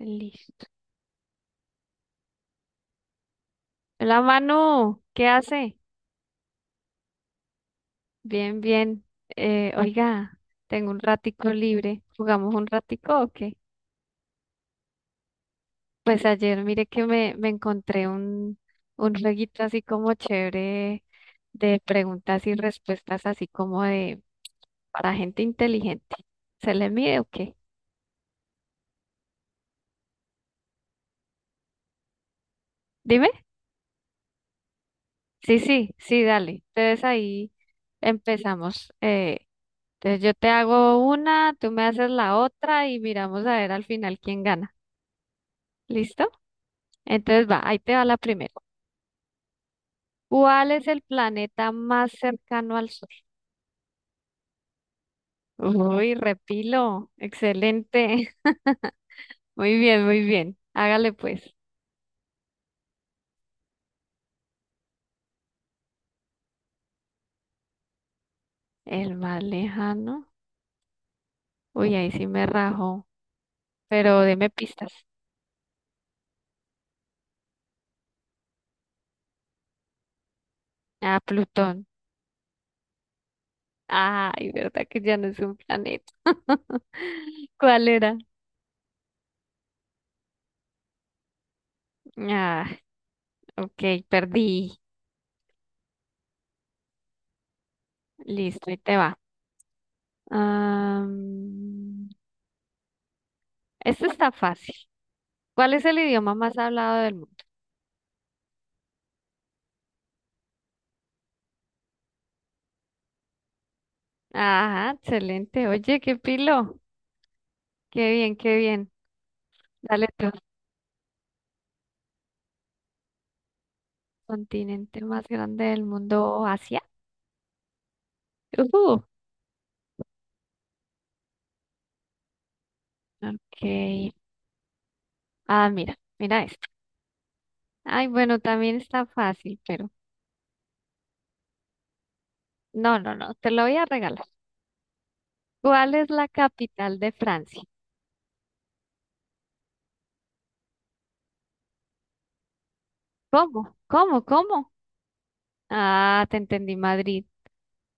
Listo. La mano, ¿qué hace? Bien, bien. Oiga, tengo un ratico libre. ¿Jugamos un ratico o qué? Pues ayer mire que me encontré un jueguito así como chévere de preguntas y respuestas así como de para gente inteligente. ¿Se le mide o qué? Dime. Sí, sí, sí, dale. Entonces ahí empezamos. Entonces yo te hago una, tú me haces la otra y miramos a ver al final quién gana. ¿Listo? Entonces va, ahí te va la primera. ¿Cuál es el planeta más cercano al Sol? Uy, repilo. Excelente. Muy bien, muy bien. Hágale pues. El más lejano. Uy, ahí sí me rajó. Pero deme pistas. Ah, Plutón. Ay, verdad que ya no es un planeta. ¿Cuál era? Ah, ok, perdí. Listo, ahí te va. Am, este está fácil. ¿Cuál es el idioma más hablado del mundo? Ajá, excelente. Oye, qué pilo. Qué bien, qué bien. Dale tú. Continente más grande del mundo, Asia. Ujú. Ok. Ah, mira, mira esto. Ay, bueno, también está fácil, pero no, no, no, te lo voy a regalar. ¿Cuál es la capital de Francia? ¿Cómo? ¿Cómo? ¿Cómo? Ah, te entendí, Madrid.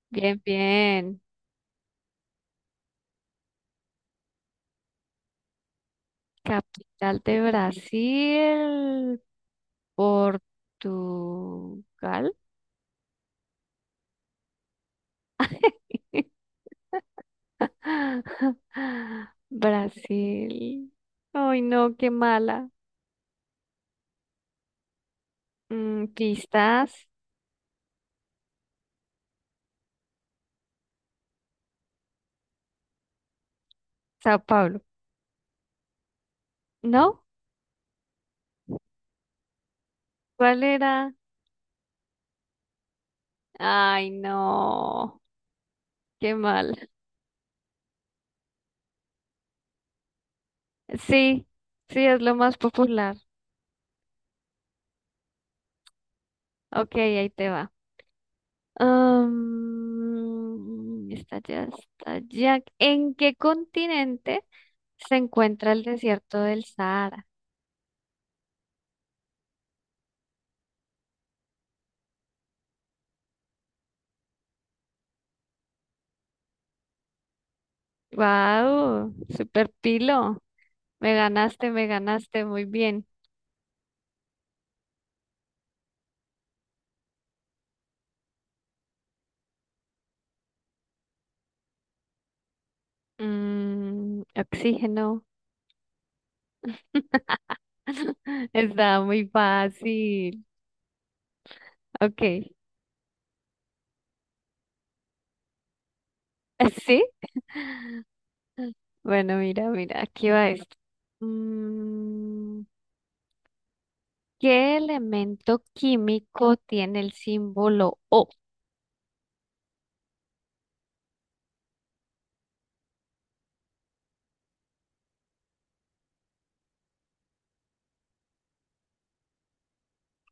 Bien, bien. Capital de Brasil, Portugal. Brasil. Ay, no, qué mala. Mm, pistas. Sao Paulo. ¿No? ¿Cuál era? Ay, no, qué mal. Sí, sí, es lo más popular. Ok, ahí te va. Está ya, está ya. ¿En qué continente se encuentra el desierto del Sahara? Wow, super pilo. Me ganaste, muy bien. Mm, oxígeno. Está muy fácil. Ok. ¿Sí? Bueno, mira, mira, aquí va esto. Mm, ¿Qué elemento químico tiene el símbolo O?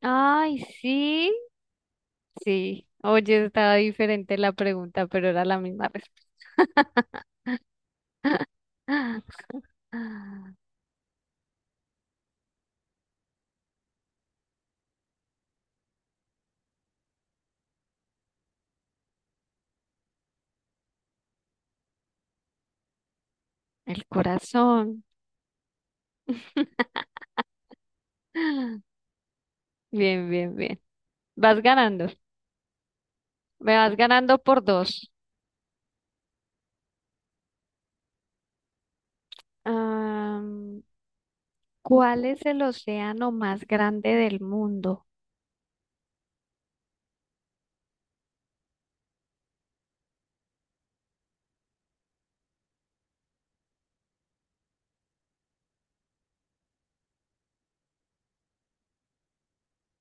Ay, sí, sí. Oye, estaba diferente la pregunta, pero era la misma respuesta. El corazón. Bien, bien, bien. Vas ganando. Me vas ganando por dos. Am, ¿Cuál es el océano más grande del mundo?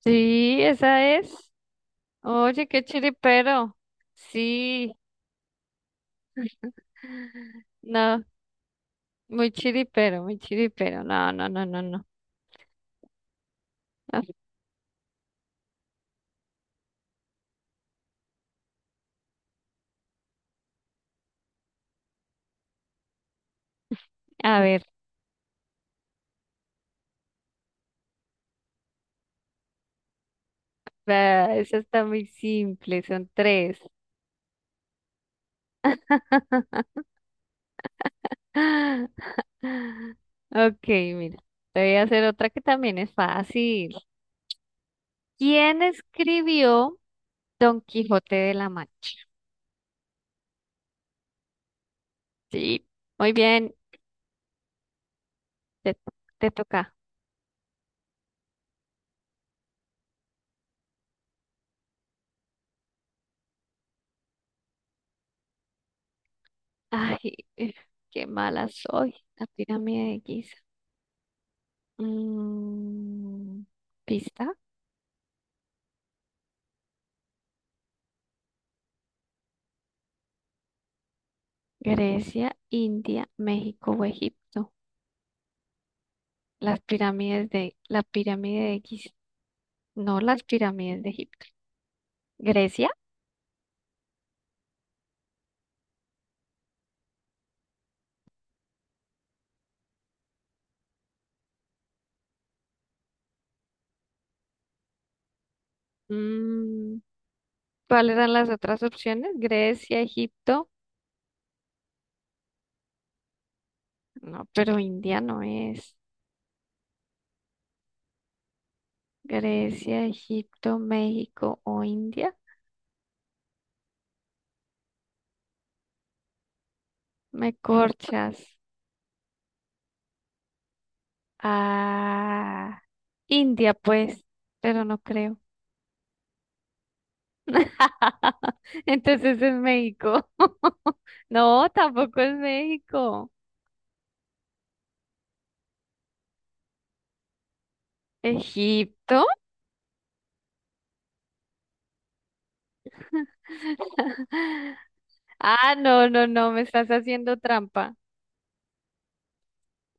Sí, esa es. Oye, qué chiripero. Sí. No, muy chiripero, muy chiripero. No, no, no, no, no. Ah, a ver, ah, esa está muy simple, son tres. Ok, mira, te voy a hacer otra que también es fácil. ¿Quién escribió Don Quijote de la Mancha? Sí, muy bien. Te, te toca. Ay, eh, qué mala soy. La pirámide de Giza. Mm, pista. Grecia, India, México o Egipto. Las pirámides de, la pirámide de Giza. No las pirámides de Egipto. Grecia. Mm, ¿cuáles eran las otras opciones? Grecia, Egipto. No, pero India no es. Grecia, Egipto, México o India. Me corchas. Ah. India, pues, pero no creo. Entonces es México. No, tampoco es México. ¿Egipto? Ah, no, no, no, me estás haciendo trampa.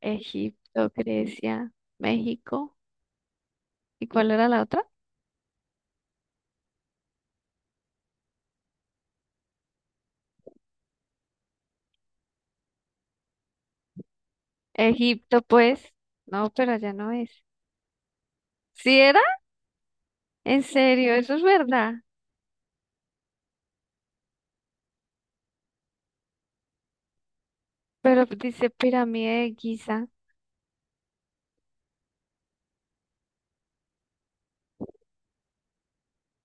Egipto, Grecia, México. ¿Y cuál era la otra? Egipto, pues. No, pero allá no es. ¿Sí era? ¿En serio? Eso es verdad. Pero dice pirámide de Giza.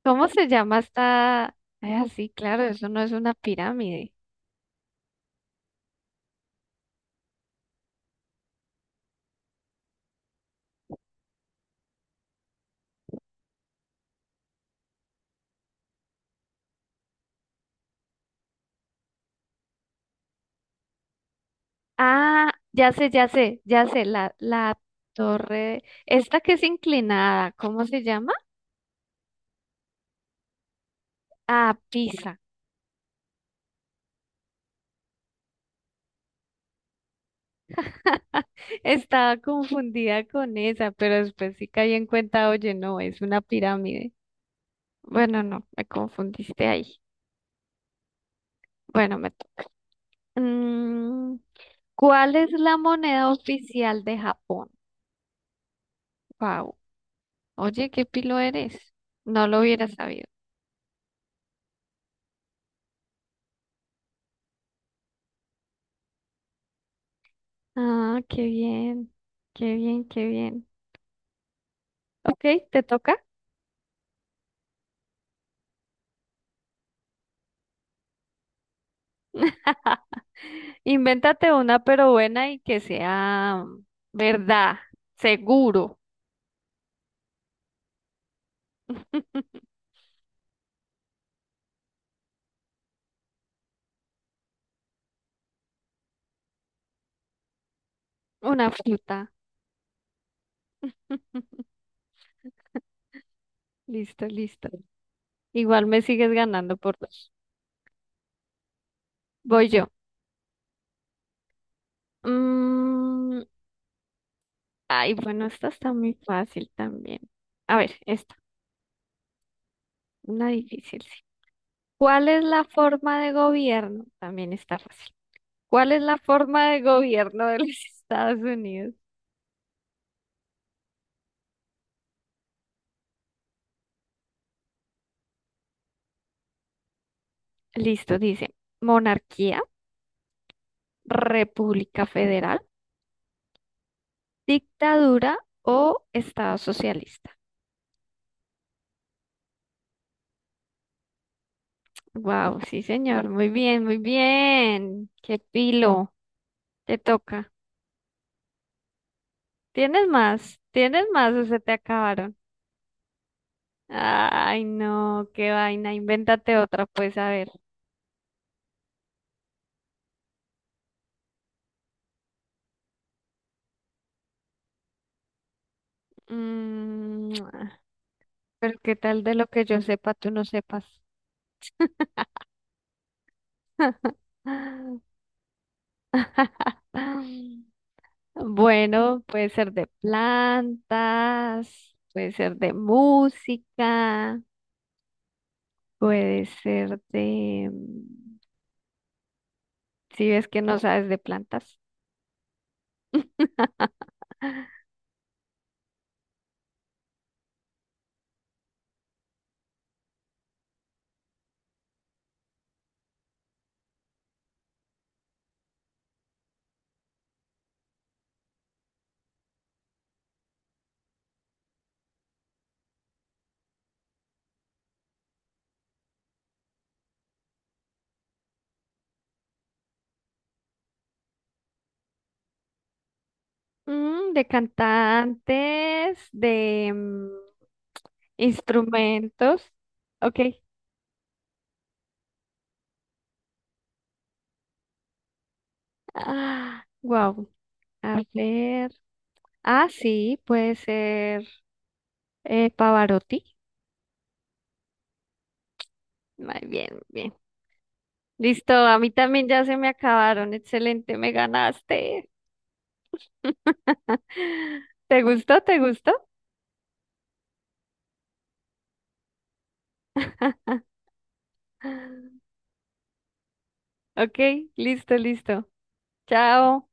¿Cómo se llama esta? Es así, claro, eso no es una pirámide. Ah, ya sé, ya sé, ya sé, la torre, esta que es inclinada, ¿cómo se llama? Ah, Pisa. Estaba confundida con esa, pero después sí caí en cuenta, oye, no, es una pirámide. Bueno, no, me confundiste ahí. Bueno, mm, ¿cuál es la moneda oficial de Japón? Wow. Oye, qué pilo eres. No lo hubiera sabido. Ah, qué bien. Qué bien, qué bien. Ok, ¿te toca? Invéntate una, pero buena y que sea verdad, seguro. Una fruta. Listo, listo. Igual me sigues ganando por dos. Voy yo. Mm, ay, bueno, esta está muy fácil también. A ver, esta, una difícil, sí. ¿Cuál es la forma de gobierno? También está fácil. ¿Cuál es la forma de gobierno de los Estados Unidos? Listo, dice, monarquía, república federal, dictadura o estado socialista. Wow, sí, señor, muy bien, muy bien. Qué pilo, te toca. ¿Tienes más? ¿Tienes más o se te acabaron? Ay, no, qué vaina. Invéntate otra, pues, a ver. Mm, pero qué tal de lo que yo sepa, tú no sepas. Bueno, puede ser de plantas, puede ser de música, puede ser de... mm, si ves que no sabes de plantas. Mm, de cantantes, de instrumentos. Ok. Ah, wow. A ver. Ah, sí, puede ser Pavarotti. Muy bien, muy bien. Listo, a mí también ya se me acabaron. Excelente, me ganaste. ¿Te gustó? ¿Te gustó? Ok, listo, listo. Chao.